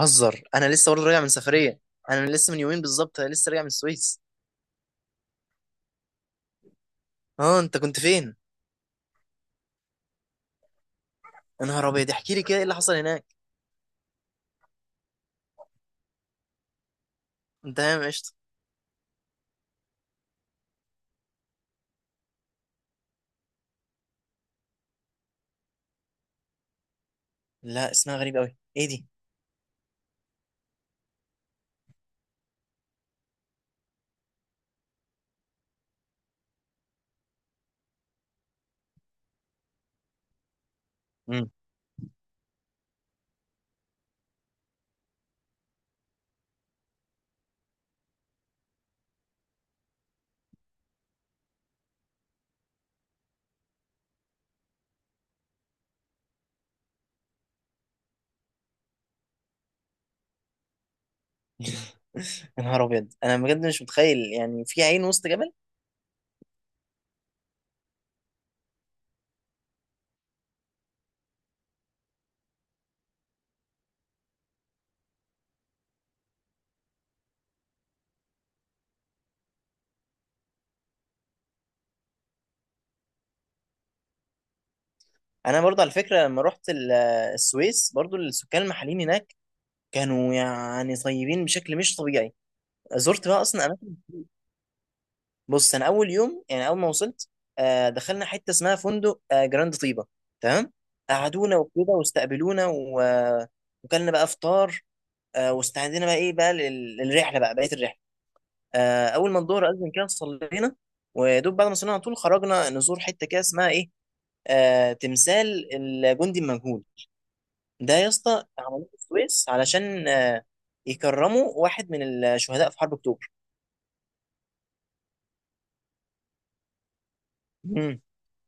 هزر، انا لسه برضه راجع من سفريه. انا لسه من يومين بالظبط، انا لسه راجع من السويس. اه، انت كنت فين؟ يا نهار ابيض، احكي لي كده، ايه اللي حصل هناك؟ انت تمام؟ قشطه. لا، اسمها غريب قوي، ايه دي؟ امم. يا نهار ابيض، انا بجد مش متخيل يعني في عين وسط جبل. انا برضه على فكره لما رحت السويس، برضه السكان المحليين هناك كانوا يعني طيبين بشكل مش طبيعي. زرت بقى اصلا. بص انا اول يوم، يعني اول ما وصلت دخلنا حته اسمها فندق جراند طيبه. تمام. قعدونا وكده واستقبلونا و وكلنا بقى فطار. واستعدينا بقى ايه بقى للرحله بقى، بقيه الرحله. اول ما الظهر اذن كده صلينا، ودوب بعد ما صلينا على طول خرجنا نزور حته كده اسمها ايه، تمثال الجندي المجهول. ده يا اسطى عملوه في السويس علشان يكرموا واحد من الشهداء في حرب اكتوبر.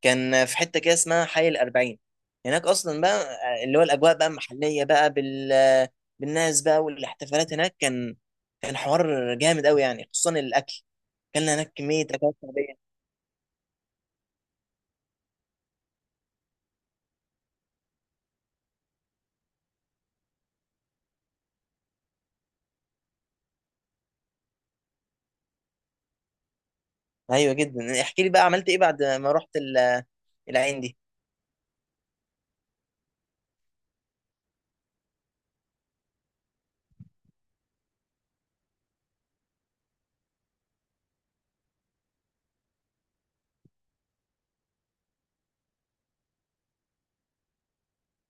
كان في حته كده اسمها حي الأربعين، هناك اصلا بقى اللي هو الاجواء بقى محليه بقى بالناس بقى، والاحتفالات هناك كان حوار جامد قوي يعني، خصوصا الاكل. كان هناك كميه اكلات شعبيه. ايوه جدا، احكي لي بقى عملت ايه بعد ما رحت العين دي.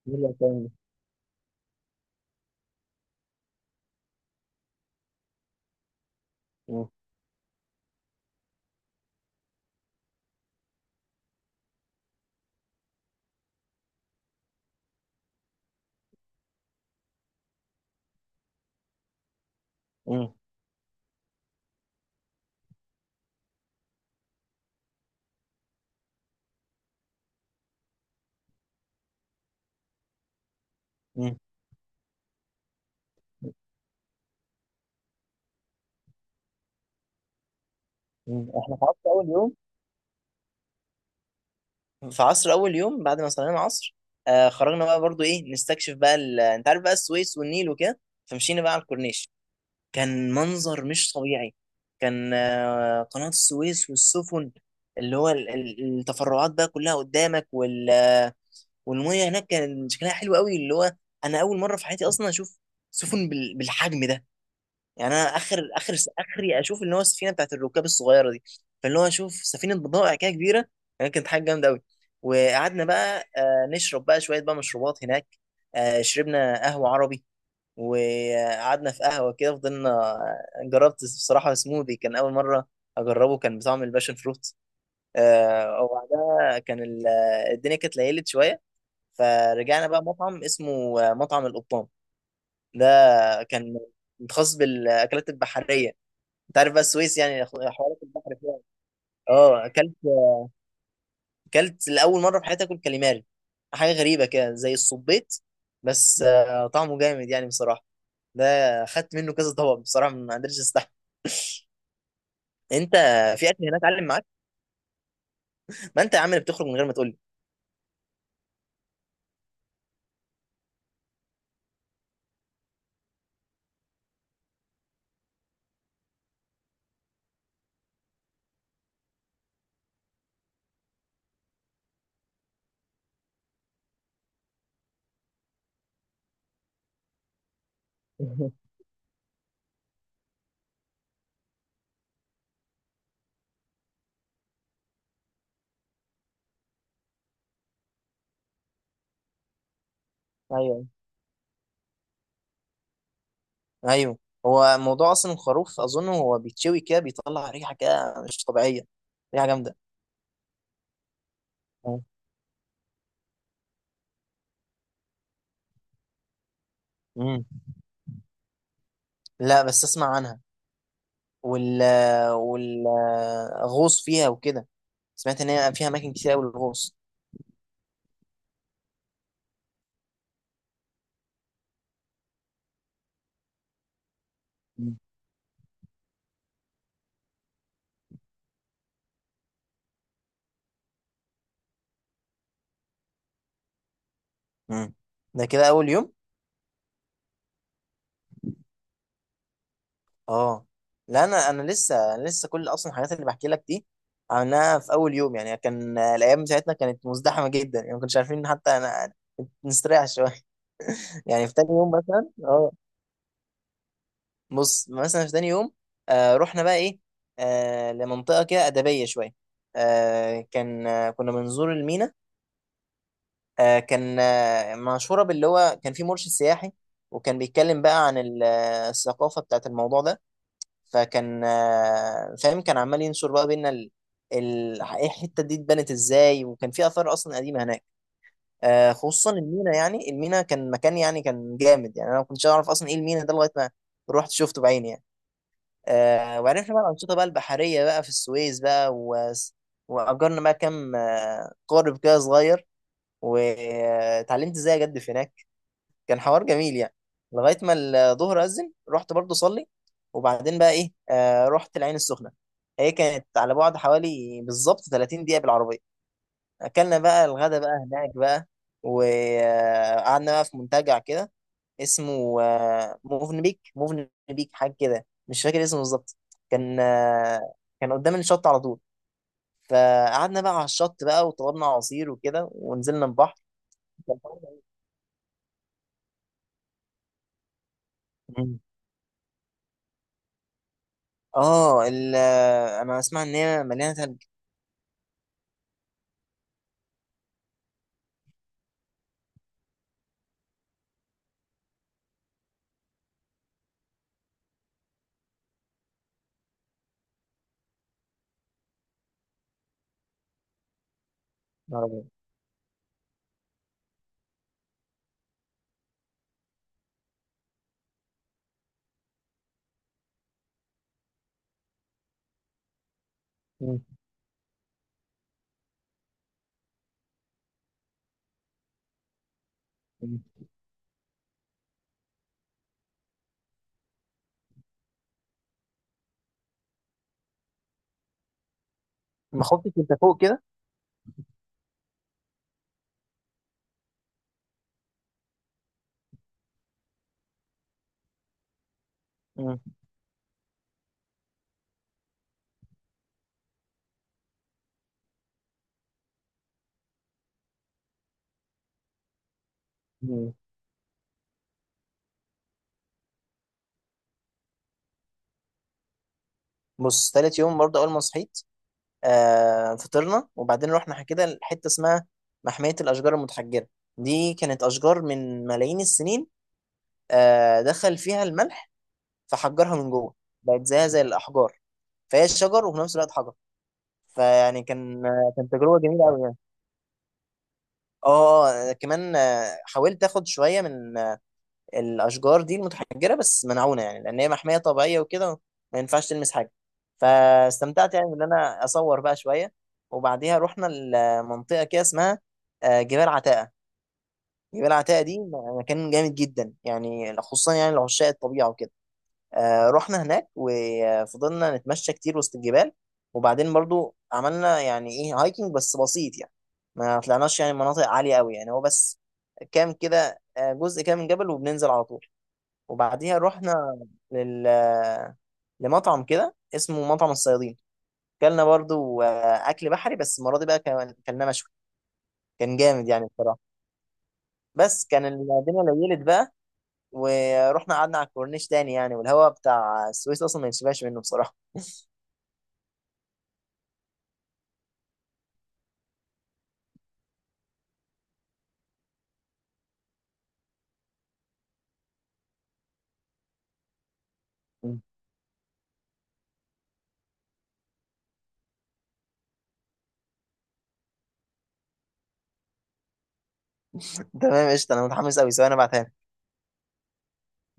يلا تاني. مم. مم. مم. مم. احنا في عصر اول يوم، بعد ما صلينا العصر آه خرجنا بقى برضو ايه نستكشف بقى انت عارف بقى السويس والنيل وكده، فمشينا بقى على الكورنيش. كان منظر مش طبيعي. كان قناة السويس والسفن، اللي هو التفرعات بقى كلها قدامك وال آه، والمية هناك كان شكلها حلو قوي، اللي هو انا اول مرة في حياتي اصلا اشوف سفن بالحجم ده. يعني انا اخر اخري اشوف اللي هو السفينة بتاعت الركاب الصغيرة دي، فاللي هو اشوف سفينة بضائع كده كبيرة، يعني كانت حاجة جامدة قوي. وقعدنا بقى نشرب بقى شوية بقى مشروبات هناك. شربنا قهوة عربي وقعدنا في قهوة كده فضلنا. جربت بصراحة سموذي، كان أول مرة أجربه، كان بطعم الباشن فروت. وبعدها كان الدنيا كانت ليلت شوية، فرجعنا بقى مطعم اسمه مطعم القبطان. ده كان متخصص بالأكلات البحرية. أنت عارف بقى السويس يعني حوارات البحر فيها. اه، أكلت، أكلت لأول مرة في حياتي أكل كاليماري، حاجة غريبة كده زي الصبيط، بس طعمه جامد يعني بصراحة. ده خدت منه كذا طبق، بصراحة ما قدرتش استحمل. انت في اكل هناك علم معاك؟ ما انت يا عم اللي بتخرج من غير ما تقول لي. ايوه، ايوه. هو موضوع اصلا الخروف اظن هو بيتشوي كده بيطلع ريحه كده مش طبيعيه، ريحه جامده. أيوة. امم. لا بس اسمع عنها وال والغوص فيها وكده، سمعت ان هي فيها اماكن كتير قوي للغوص. مم. امم. ده كده اول يوم؟ اه لا، انا لسه، كل اصلا الحاجات اللي بحكي لك دي عملناها في اول يوم. يعني كان الايام بتاعتنا كانت مزدحمه جدا، يعني ما كناش عارفين حتى نستريح شويه. يعني في تاني يوم مثلا اه. بص مثلا في تاني يوم آه رحنا بقى ايه، آه لمنطقه كده ادبيه شويه. آه كان آه كنا بنزور المينا. آه كان آه مشهوره باللي هو كان في مرشد سياحي، وكان بيتكلم بقى عن الثقافه بتاعت الموضوع ده. فكان آه فاهم، كان عمال ينشر بقى بينا إيه الحته دي اتبنت ازاي، وكان في اثار اصلا قديمه هناك. خصوصا المينا، يعني المينا كان مكان يعني كان جامد، يعني انا ما كنتش اعرف اصلا ايه المينا ده لغايه ما رحت شفته بعيني يعني. وعرفنا بقى الانشطه بقى البحريه بقى في السويس بقى واجرنا بقى كام قارب كده صغير واتعلمت ازاي اجدف هناك. كان حوار جميل يعني، لغايه ما الظهر اذن رحت برضه اصلي. وبعدين بقى ايه رحت العين السخنه. هي كانت على بعد حوالي بالظبط 30 دقيقه بالعربيه. اكلنا بقى الغدا بقى هناك بقى، وقعدنا بقى في منتجع كده اسمه موفن بيك، حاجه كده مش فاكر اسمه بالظبط. كان آه، كان قدام الشط على طول، فقعدنا بقى على الشط بقى وطلبنا عصير وكده ونزلنا البحر. مم. اه انا اسمع ان هي مليانه ثلج. نهار أبيض. مم. مم. ما خفتش انت فوق كده؟ مم. مم. بص تالت يوم برضه اول ما صحيت فطرنا وبعدين رحنا كده لحته اسمها محميه الاشجار المتحجره. دي كانت اشجار من ملايين السنين، دخل فيها الملح فحجرها من جوه، بقت زيها زي الاحجار، فهي شجر وفي نفس الوقت حجر. فيعني كان كان تجربه جميله قوي يعني. اه كمان حاولت اخد شويه من الاشجار دي المتحجره، بس منعونه يعني لان هي محميه طبيعيه وكده، ما ينفعش تلمس حاجه، فاستمتعت يعني ان انا اصور بقى شويه. وبعديها رحنا لمنطقه كده اسمها جبال عتاقه. جبال عتاقه دي مكان جامد جدا، يعني خصوصا يعني لعشاق الطبيعه وكده. رحنا هناك وفضلنا نتمشى كتير وسط الجبال، وبعدين برضو عملنا يعني ايه هايكنج بس بسيط يعني، ما طلعناش يعني مناطق عاليه قوي يعني، هو بس كام كده جزء كام من جبل وبننزل على طول. وبعديها رحنا لل لمطعم كده اسمه مطعم الصيادين، كلنا برضو اكل بحري بس المره دي بقى كان كلنا مشوي. كان جامد يعني بصراحه. بس كان الدنيا ليلت بقى، ورحنا قعدنا على الكورنيش تاني يعني، والهواء بتاع السويس اصلا ما يتشبهش منه بصراحه. تمام قشطه، انا متحمس قوي سواء انا بعتها لك.